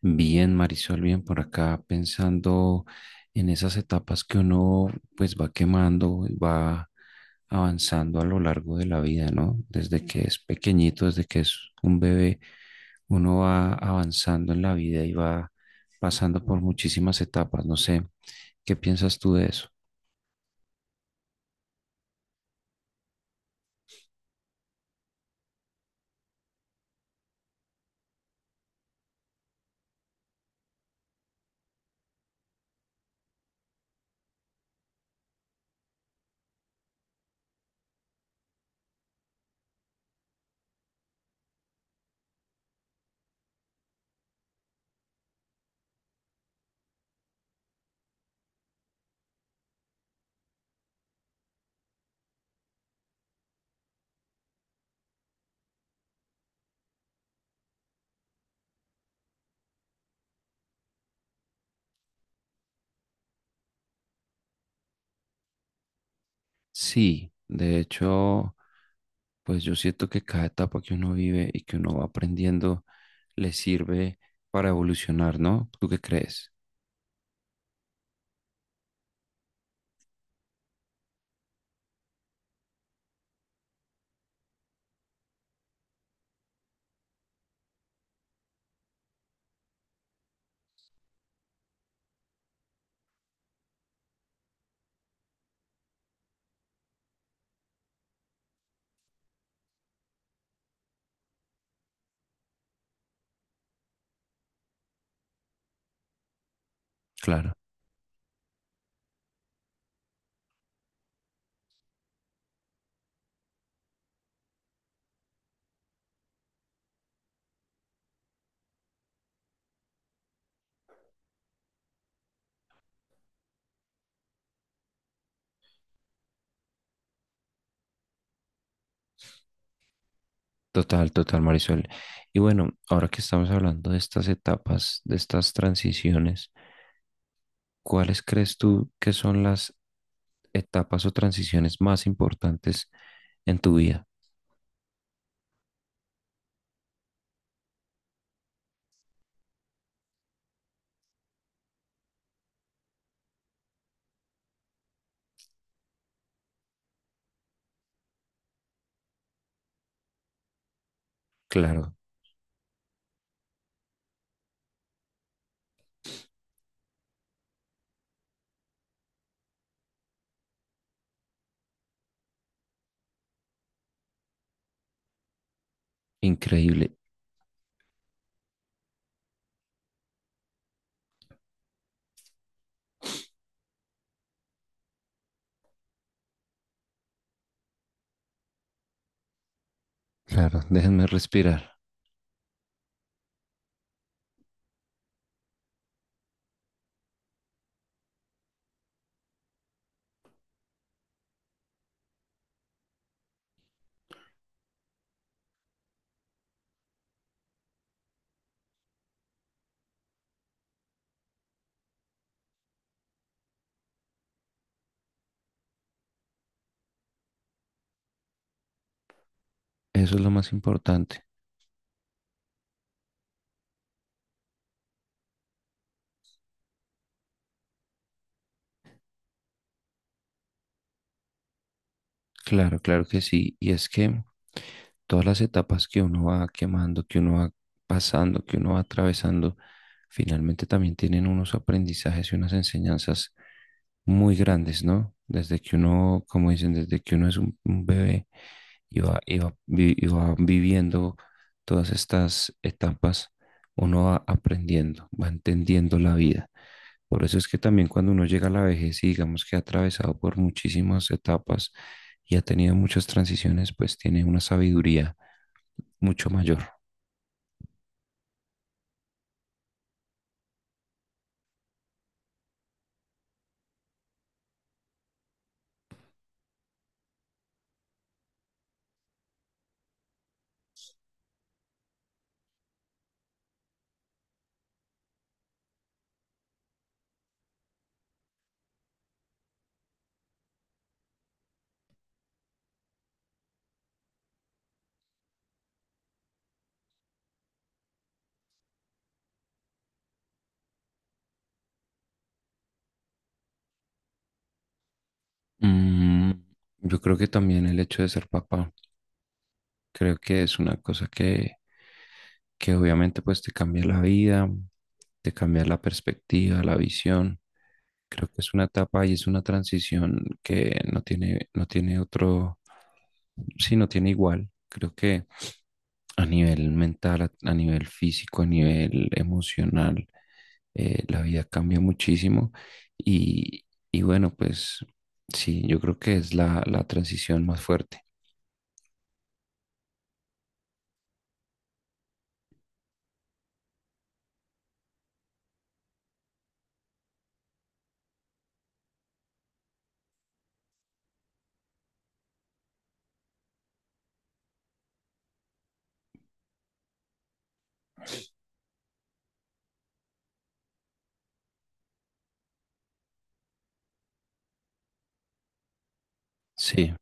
Bien, Marisol, bien por acá, pensando en esas etapas que uno pues va quemando, y va avanzando a lo largo de la vida, ¿no? Desde que es pequeñito, desde que es un bebé, uno va avanzando en la vida y va pasando por muchísimas etapas. No sé, ¿qué piensas tú de eso? Sí, de hecho, pues yo siento que cada etapa que uno vive y que uno va aprendiendo le sirve para evolucionar, ¿no? ¿Tú qué crees? Claro. Total, total, Marisol. Y bueno, ahora que estamos hablando de estas etapas, de estas transiciones, ¿cuáles crees tú que son las etapas o transiciones más importantes en tu vida? Claro, increíble. Claro, déjenme respirar. Eso es lo más importante. Claro, claro que sí. Y es que todas las etapas que uno va quemando, que uno va pasando, que uno va atravesando, finalmente también tienen unos aprendizajes y unas enseñanzas muy grandes, ¿no? Desde que uno, como dicen, desde que uno es un bebé y va, y va viviendo todas estas etapas, uno va aprendiendo, va entendiendo la vida. Por eso es que también cuando uno llega a la vejez y digamos que ha atravesado por muchísimas etapas y ha tenido muchas transiciones, pues tiene una sabiduría mucho mayor. Mm, yo creo que también el hecho de ser papá. Creo que es una cosa que obviamente pues te cambia la vida, te cambia la perspectiva, la visión. Creo que es una etapa y es una transición que no tiene, no tiene otro, sí, no tiene igual. Creo que a nivel mental, a nivel físico, a nivel emocional, la vida cambia muchísimo. Y, y bueno, pues sí, yo creo que es la, la transición más fuerte. Sí.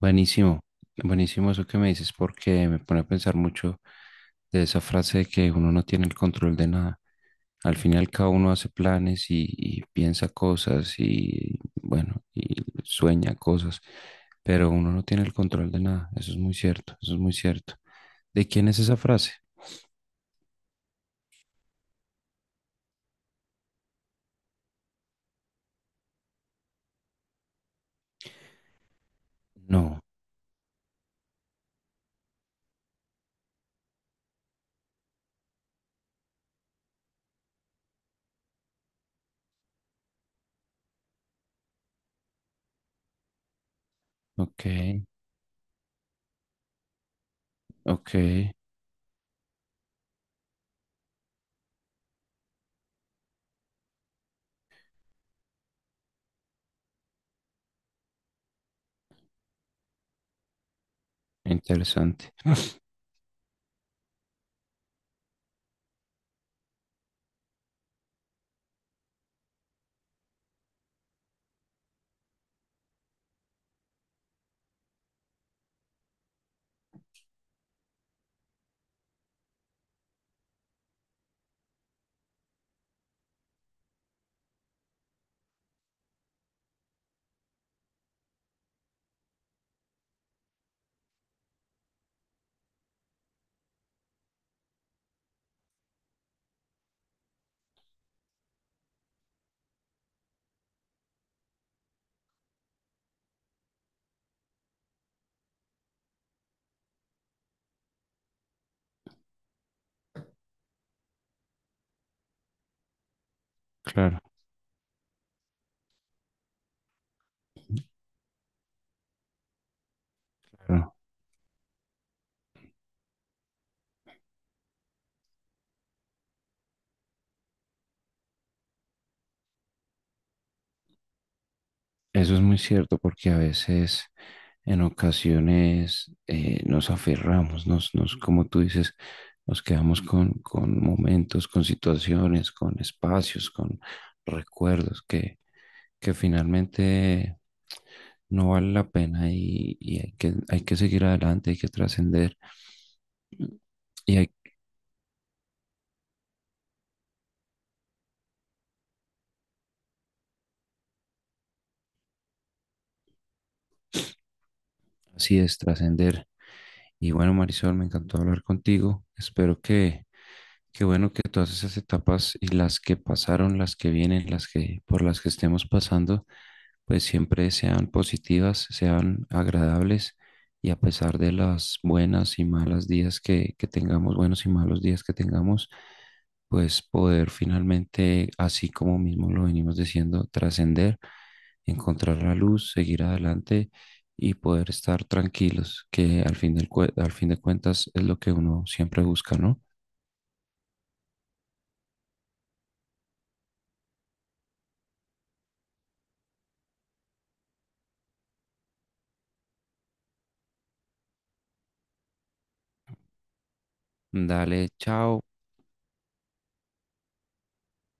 Buenísimo, buenísimo eso que me dices porque me pone a pensar mucho de esa frase de que uno no tiene el control de nada. Al final cada uno hace planes y piensa cosas y bueno, y sueña cosas, pero uno no tiene el control de nada. Eso es muy cierto, eso es muy cierto. ¿De quién es esa frase? No, ok, ok, interesante, claro, claro. Eso es muy cierto porque a veces, en ocasiones, nos aferramos, nos, como tú dices, nos quedamos con momentos, con situaciones, con espacios, con recuerdos que finalmente no vale la pena y hay que seguir adelante, hay que trascender y hay- así es trascender. Y bueno, Marisol, me encantó hablar contigo. Espero que. Qué bueno que todas esas etapas y las que pasaron, las que vienen, las que por las que estemos pasando, pues siempre sean positivas, sean agradables y a pesar de las buenas y malas días que tengamos, buenos y malos días que tengamos, pues poder finalmente, así como mismo lo venimos diciendo, trascender, encontrar la luz, seguir adelante y poder estar tranquilos, que al fin de cuentas es lo que uno siempre busca, ¿no? Dale, chao.